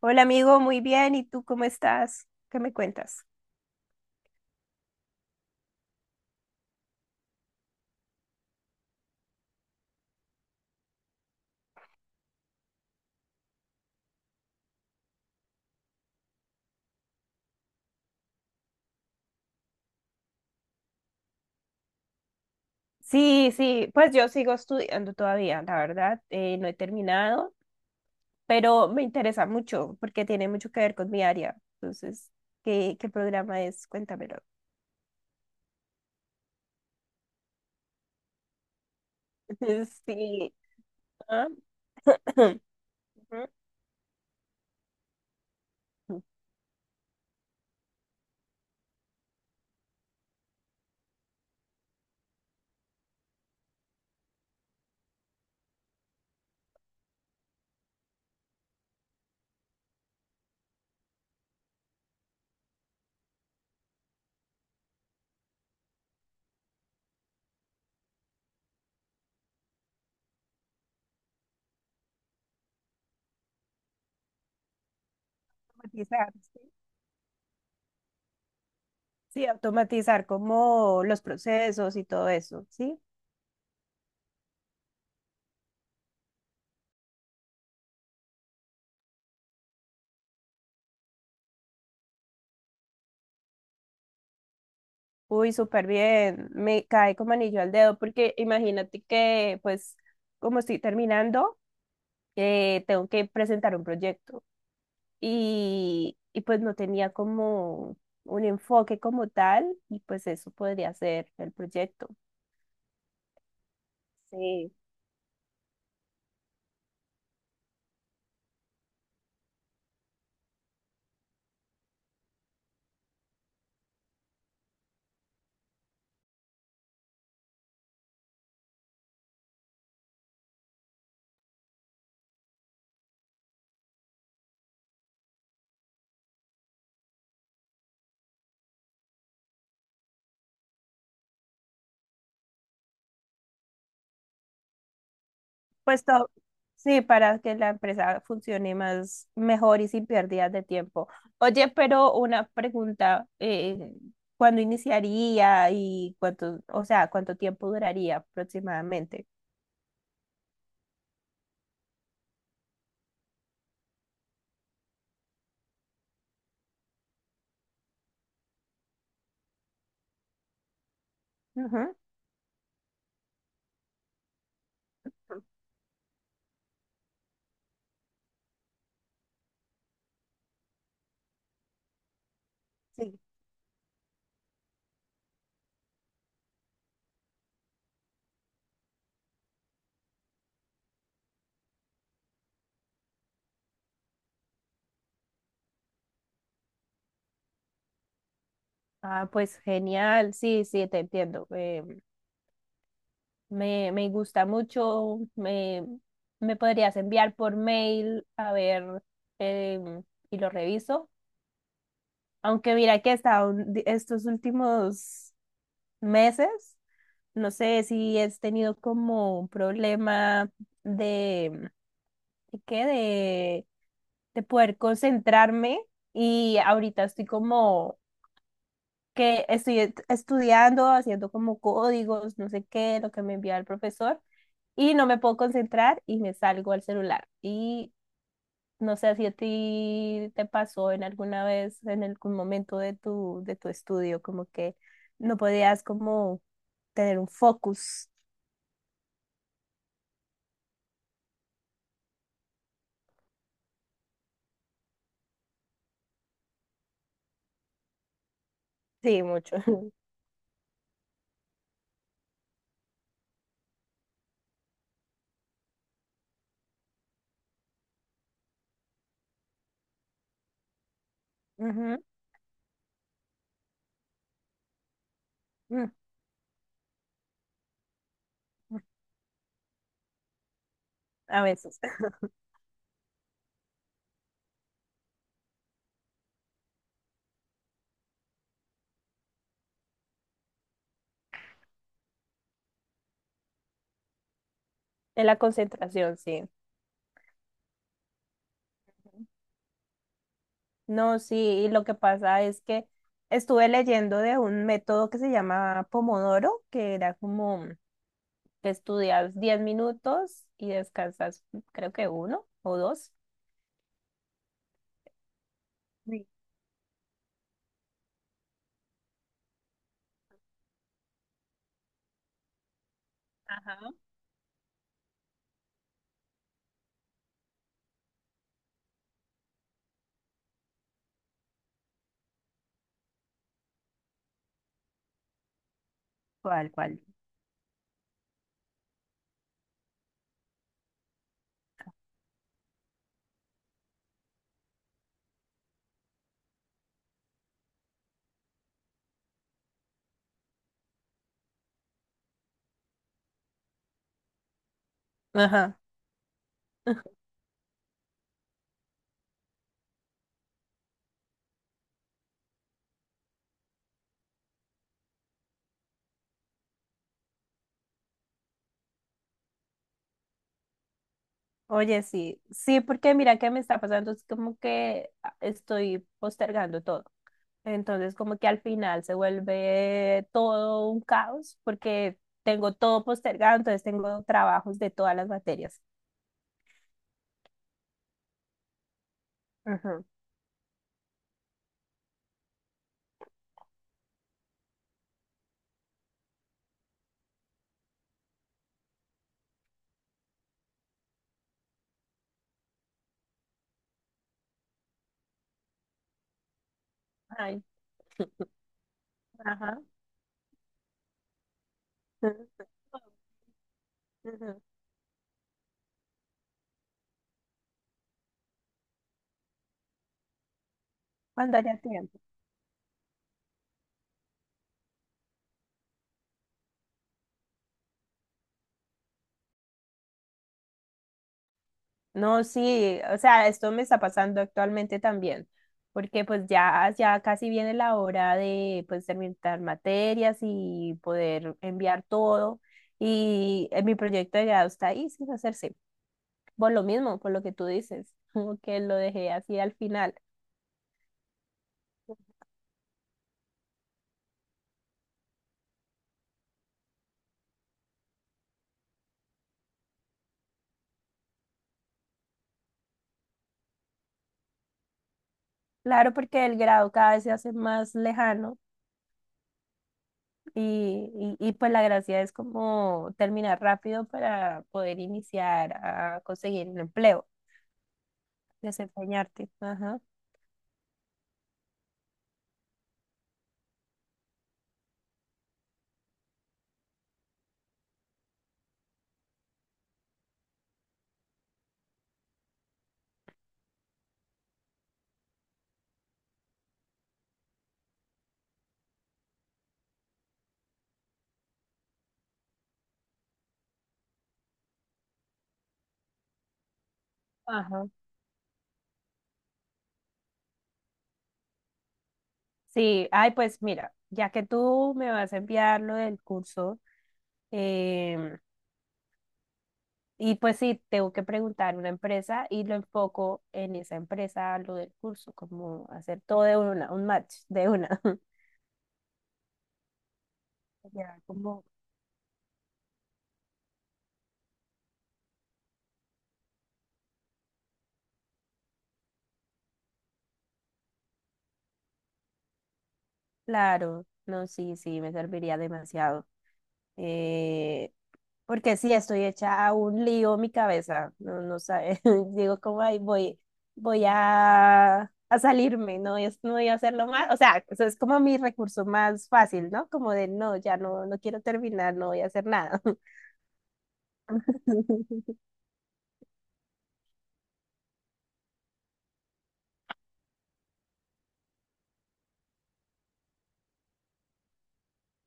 Hola amigo, muy bien. ¿Y tú cómo estás? ¿Qué me cuentas? Sí, sí, pues yo sigo estudiando todavía, la verdad, no he terminado, pero me interesa mucho porque tiene mucho que ver con mi área. Entonces, ¿qué programa es? Cuéntamelo. Sí. ah, ujú. Matizar, ¿sí? Sí, automatizar como los procesos y todo eso, ¿sí? Uy, súper bien, me cae como anillo al dedo porque imagínate que pues como estoy terminando. Tengo que presentar un proyecto y pues no tenía como un enfoque como tal y pues eso podría ser el proyecto. Sí, pues todo sí, para que la empresa funcione más mejor y sin pérdidas de tiempo. Oye, pero una pregunta, ¿cuándo iniciaría y cuánto, o sea, cuánto tiempo duraría aproximadamente? Ujú. Sí. Ah, pues genial, sí, sí, te entiendo. Me gusta mucho. Me podrías enviar por mail a ver em, y lo reviso. Aunque mira que hasta estos últimos meses, no sé si he tenido como un problema de, ¿de qué? De poder concentrarme y ahorita estoy como que estoy estudiando, haciendo como códigos, no sé qué, lo que me envía el profesor. Y no me puedo concentrar y me salgo al celular. Y no sé si a ti te pasó en alguna vez, en algún momento de tu estudio, como que no podías como tener un focus. Sí, mucho. Ujú, ujú. A veces. En la concentración, sí. No, sí, y lo que pasa es que estuve leyendo de un método que se llama Pomodoro, que era como que estudias 10 minutos y descansas creo que uno o dos. Ajá. ¿Cuál? Ajá. Oye, sí, sí, porque mira qué me está pasando, es como que ah, estoy postergando todo. Entonces, como que al final se vuelve todo un caos porque tengo todo postergado, entonces tengo trabajos de todas las materias. Ajá. Ay, ajá. Ujú. Ujú. Cuando haya tiempo. No, sí, o sea, esto me está pasando actualmente también, porque pues ya casi viene la hora de pues terminar materias y poder enviar todo y mi proyecto de grado está ahí sin hacerse, por lo mismo, por lo que tú dices, como que lo dejé así al final. Claro, porque el grado cada vez se hace más lejano y pues la gracia es como terminar rápido para poder iniciar a conseguir un empleo, desempeñarte. Ajá. Ajá. Sí, ay, pues mira, ya que tú me vas a enviar lo del curso, em, y pues sí, tengo que preguntar una empresa y lo enfoco en esa empresa, lo del curso, como hacer todo de una, un match de una. Ya, como, claro, no, sí, sí, me serviría demasiado. Eh, Porque sí, estoy hecha a un lío mi cabeza, no, no sabe, digo cómo ahí voy, voy a salirme, no, no voy a hacerlo más, o sea, eso es como mi recurso más fácil, ¿no? Como de no, ya no, no quiero terminar, no voy a hacer nada.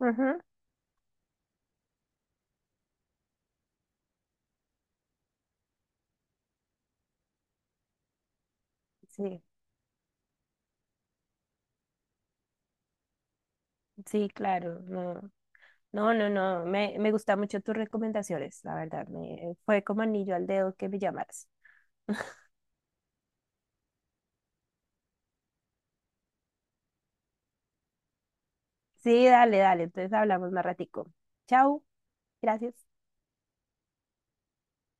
Ujú, sí, sí, claro, no, me gustan mucho tus recomendaciones, la verdad, me, fue como anillo al dedo que me llamaras. Sí, dale, dale, entonces hablamos más ratico. Chao, gracias.